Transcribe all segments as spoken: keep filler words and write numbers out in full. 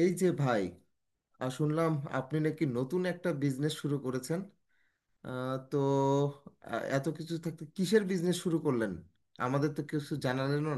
এই যে ভাই, আহ, শুনলাম আপনি নাকি নতুন একটা বিজনেস শুরু করেছেন। আহ, তো আহ, এত কিছু থাকতে কিসের বিজনেস শুরু করলেন? আমাদের তো কিছু জানালেনও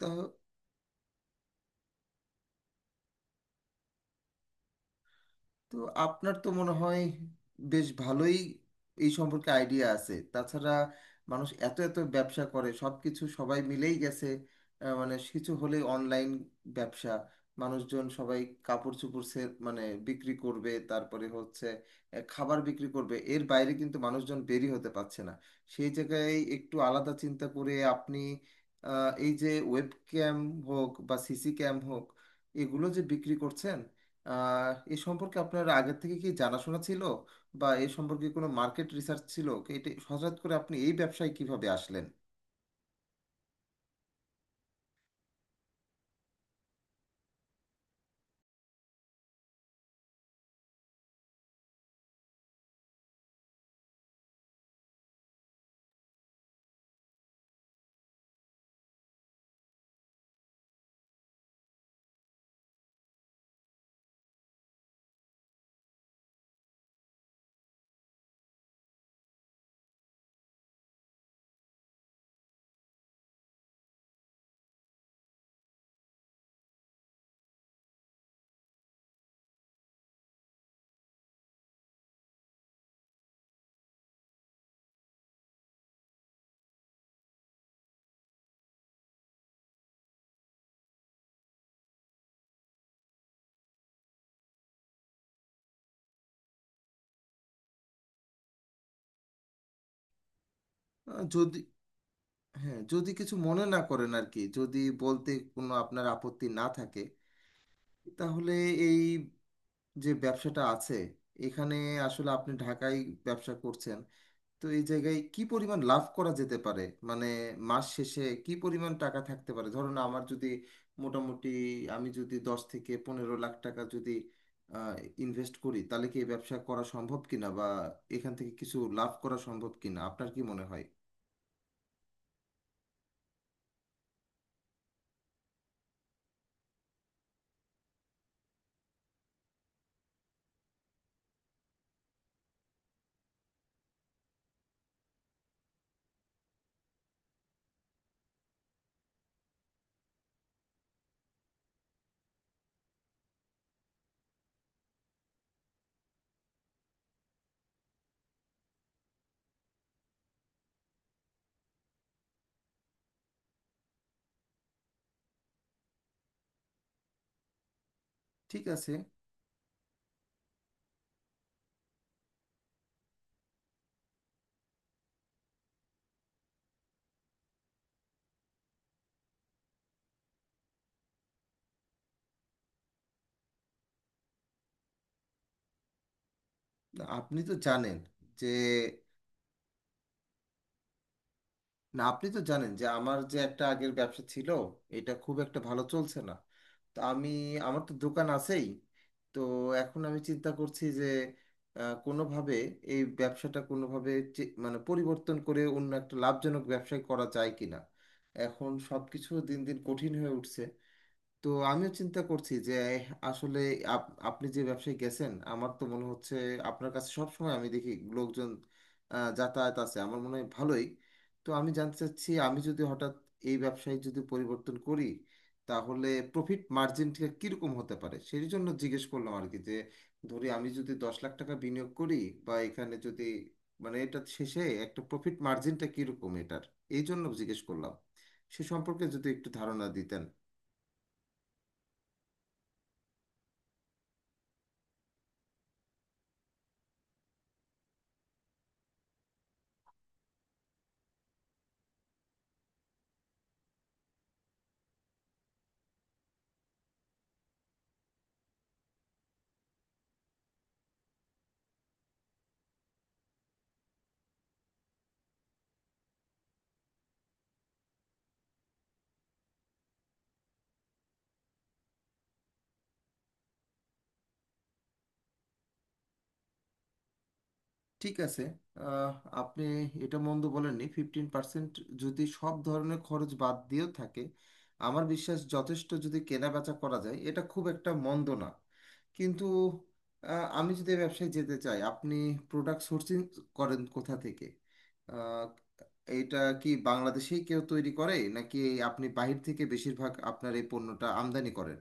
না। তো আপনার তো মনে হয় বেশ ভালোই এই সম্পর্কে আইডিয়া আছে। তাছাড়া মানুষ এত এত ব্যবসা করে, সব কিছু সবাই মিলেই গেছে। আহ, মানে কিছু হলেই অনলাইন ব্যবসা, মানুষজন সবাই কাপড় চোপড় সে মানে বিক্রি করবে, তারপরে হচ্ছে আহ, খাবার বিক্রি করবে। এর বাইরে কিন্তু মানুষজন বেরি হতে পারছে না। সেই জায়গায় একটু আলাদা চিন্তা করে আপনি আহ, এই যে ওয়েব ক্যাম হোক বা সিসি ক্যাম হোক, এগুলো যে বিক্রি করছেন, আহ এ সম্পর্কে আপনার আগের থেকে কি জানাশোনা ছিল? বা এ সম্পর্কে কোনো মার্কেট রিসার্চ ছিল? এটা হঠাৎ করে আপনি এই ব্যবসায় কিভাবে আসলেন? আহ, যদি হ্যাঁ, যদি কিছু মনে না করেন আর কি, যদি বলতে কোনো আপনার আপত্তি না থাকে, তাহলে এই যে ব্যবসাটা আছে এখানে, আসলে আপনি ঢাকায় ব্যবসা করছেন, তো এই জায়গায় কি পরিমাণ লাভ করা যেতে পারে? মানে মাস শেষে কি পরিমাণ টাকা থাকতে পারে? ধরুন আমার যদি মোটামুটি, আমি যদি দশ থেকে পনেরো লাখ টাকা যদি ইনভেস্ট করি, তাহলে কি এই ব্যবসা করা সম্ভব কিনা বা এখান থেকে কিছু লাভ করা সম্ভব কিনা, আপনার কি মনে হয়? ঠিক আছে। আপনি তো জানেন যে না, আপনি তো জানেন যে আমার যে একটা আগের ব্যবসা ছিল, এটা খুব একটা ভালো চলছে না। তো আমি, আমার তো দোকান আছেই। তো এখন আমি চিন্তা করছি যে আহ, কোনোভাবে এই ব্যবসাটা কোনোভাবে চে- মানে পরিবর্তন করে অন্য একটা লাভজনক ব্যবসায় করা যায় কিনা। এখন সব কিছু দিন দিন কঠিন হয়ে উঠছে। তো আমিও চিন্তা করছি যে আসলে আপ- আপনি যে ব্যবসায় গেছেন আমার তো মনে হচ্ছে আপনার কাছে সব সময় আমি দেখি লোকজন আহ, যাতায়াত আছে, আমার মনে হয় ভালোই। তো আমি জানতে চাচ্ছি, আমি যদি হঠাৎ এই ব্যবসায় যদি পরিবর্তন করি, তাহলে প্রফিট মার্জিনটা কীরকম হতে পারে, সেই জন্য জিজ্ঞেস করলাম আর কি। যে ধরি আমি যদি দশ লাখ টাকা বিনিয়োগ করি, বা এখানে যদি, মানে এটা শেষে একটা প্রফিট মার্জিনটা কীরকম এটার, এই জন্য জিজ্ঞেস করলাম। সে সম্পর্কে যদি একটু ধারণা দিতেন। ঠিক আছে। আহ, আপনি এটা মন্দ বলেননি। ফিফটিন পার্সেন্ট যদি সব ধরনের খরচ বাদ দিয়েও থাকে, আমার বিশ্বাস যথেষ্ট যদি কেনাবেচা করা যায়, এটা খুব একটা মন্দ না। কিন্তু আহ, আমি যদি এ ব্যবসায় যেতে চাই, আপনি প্রোডাক্ট সোর্সিং করেন কোথা থেকে? আহ, এটা কি বাংলাদেশেই কেউ তৈরি করে, নাকি আপনি বাহির থেকে বেশিরভাগ আপনার এই পণ্যটা আমদানি করেন?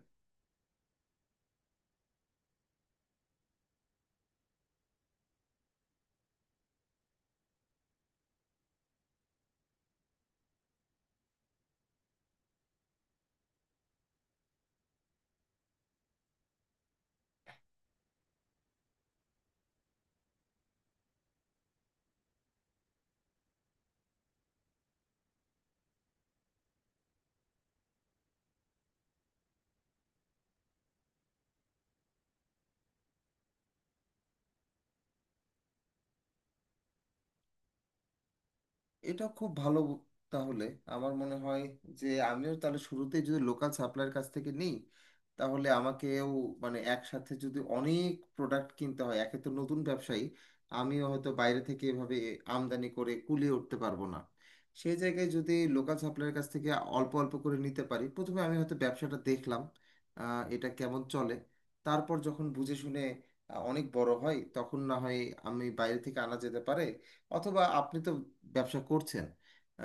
এটা খুব ভালো। তাহলে আমার মনে হয় যে আমিও তাহলে শুরুতেই যদি লোকাল সাপ্লায়ার কাছ থেকে নিই, তাহলে আমাকেও মানে একসাথে যদি অনেক প্রোডাক্ট কিনতে হয়, একে তো নতুন ব্যবসায়ী, আমিও হয়তো বাইরে থেকে এভাবে আমদানি করে কুলিয়ে উঠতে পারবো না। সেই জায়গায় যদি লোকাল সাপ্লায়ার কাছ থেকে অল্প অল্প করে নিতে পারি, প্রথমে আমি হয়তো ব্যবসাটা দেখলাম আহ, এটা কেমন চলে। তারপর যখন বুঝে শুনে আহ, অনেক বড় হয় তখন না হয় আমি বাইরে থেকে আনা যেতে পারে। অথবা আপনি তো ব্যবসা করছেন,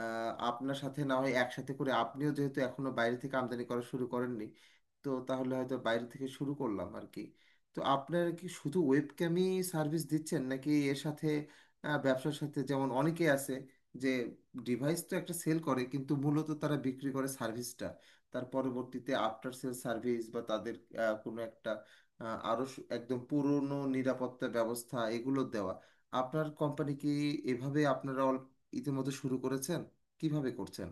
আহ, আপনার সাথে না হয় একসাথে করে, আপনিও যেহেতু এখনো বাইরে থেকে আমদানি করা শুরু করেননি, তো তাহলে হয়তো বাইরে থেকে শুরু করলাম আর কি। তো আপনারা কি শুধু ওয়েবক্যামই সার্ভিস দিচ্ছেন, নাকি এর সাথে আহ, ব্যবসার সাথে যেমন অনেকেই আছে যে ডিভাইস তো একটা সেল করে কিন্তু মূলত তারা বিক্রি করে সার্ভিসটা, তার পরবর্তীতে আফটার সেল সার্ভিস বা তাদের আহ, কোনো একটা আহ, আরো সু- একদম পুরনো নিরাপত্তা ব্যবস্থা এগুলো দেওয়া, আপনার কোম্পানি কি এভাবে আপনারা অল- ইতিমধ্যে শুরু করেছেন? কিভাবে করছেন?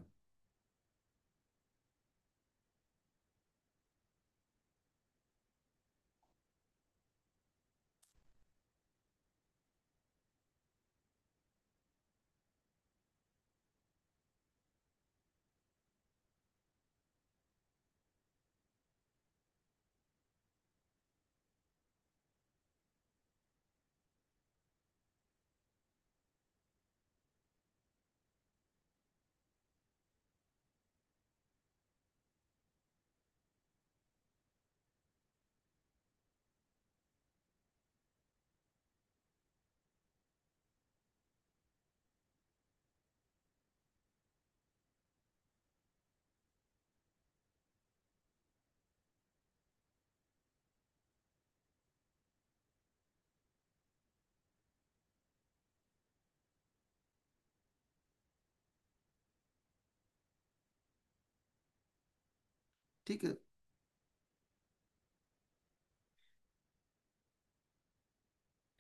ঠিক আছে।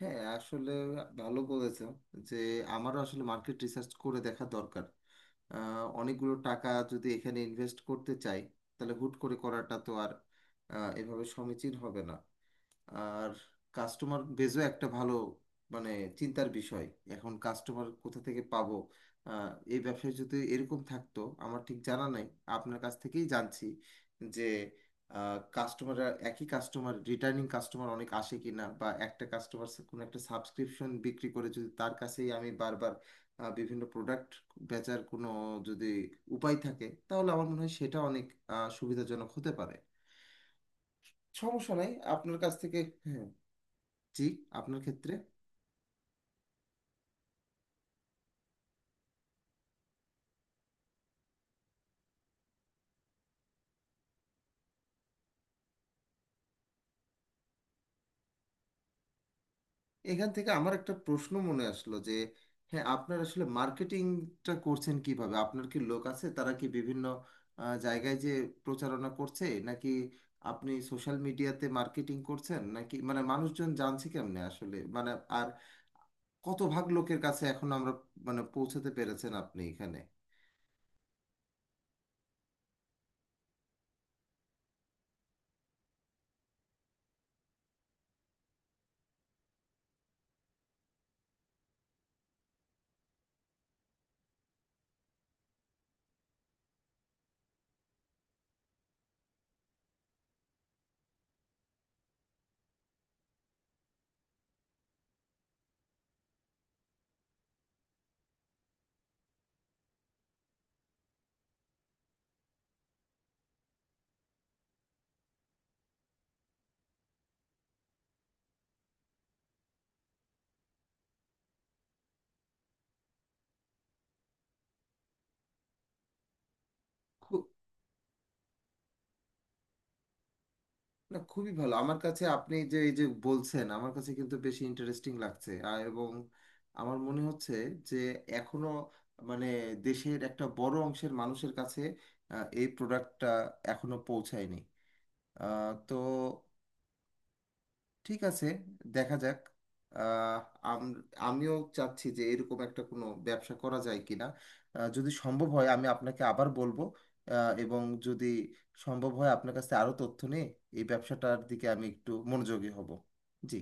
হ্যাঁ, আসলে ভালো বলেছেন যে আমারও আসলে মার্কেট রিসার্চ করে দেখা দরকার। আহ, অনেকগুলো টাকা যদি এখানে ইনভেস্ট করতে চাই তাহলে হুট করে করাটা তো আর আহ, এভাবে সমীচীন হবে না। আর কাস্টমার বেজও একটা ভালো মানে চিন্তার বিষয়। এখন কাস্টমার কোথা থেকে পাবো? আহ, এই ব্যবসায় যদি এরকম থাকতো, আমার ঠিক জানা নাই, আপনার কাছ থেকেই জানছি যে কাস্টমার, একই কাস্টমার, রিটার্নিং কাস্টমার অনেক আসে কিনা, বা একটা কাস্টমার কোনো একটা সাবস্ক্রিপশন বিক্রি করে যদি তার কাছেই আমি বারবার আহ, বিভিন্ন প্রোডাক্ট বেচার কোনো যদি উপায় থাকে, তাহলে আমার মনে হয় সেটা অনেক আহ, সুবিধাজনক হতে পারে। সমস্যা নাই আপনার কাছ থেকে। হ্যাঁ। জি। আপনার ক্ষেত্রে। এখান থেকে আমার একটা প্রশ্ন মনে আসলো যে, হ্যাঁ, আপনার আসলে মার্কেটিংটা করছেন কিভাবে? আপনার কি লোক আছে, তারা কি বিভিন্ন আহ, জায়গায় যে প্রচারণা করছে, নাকি আপনি সোশ্যাল মিডিয়াতে মার্কেটিং করছেন, নাকি মানে মানুষজন জানছে কেমনে আসলে মানে, আর কত ভাগ লোকের কাছে এখন আমরা মানে পৌঁছাতে পেরেছেন আপনি এখানে? না, খুবই ভালো। আমার কাছে আপনি যে এই যে বলছেন, আমার কাছে কিন্তু বেশি ইন্টারেস্টিং লাগছে। আর এবং আমার মনে হচ্ছে যে এখনো মানে দেশের একটা বড় অংশের মানুষের কাছে আহ, এই প্রোডাক্টটা এখনো পৌঁছায়নি। আহ, তো ঠিক আছে, দেখা যাক। আহ, আম- আমিও চাচ্ছি যে এরকম একটা কোনো ব্যবসা করা যায় কিনা। আহ, যদি সম্ভব হয় আমি আপনাকে আবার বলবো। আহ, এবং যদি সম্ভব হয় আপনার কাছে আরো তথ্য নিয়ে এই ব্যবসাটার দিকে আমি একটু মনোযোগী হব। জি।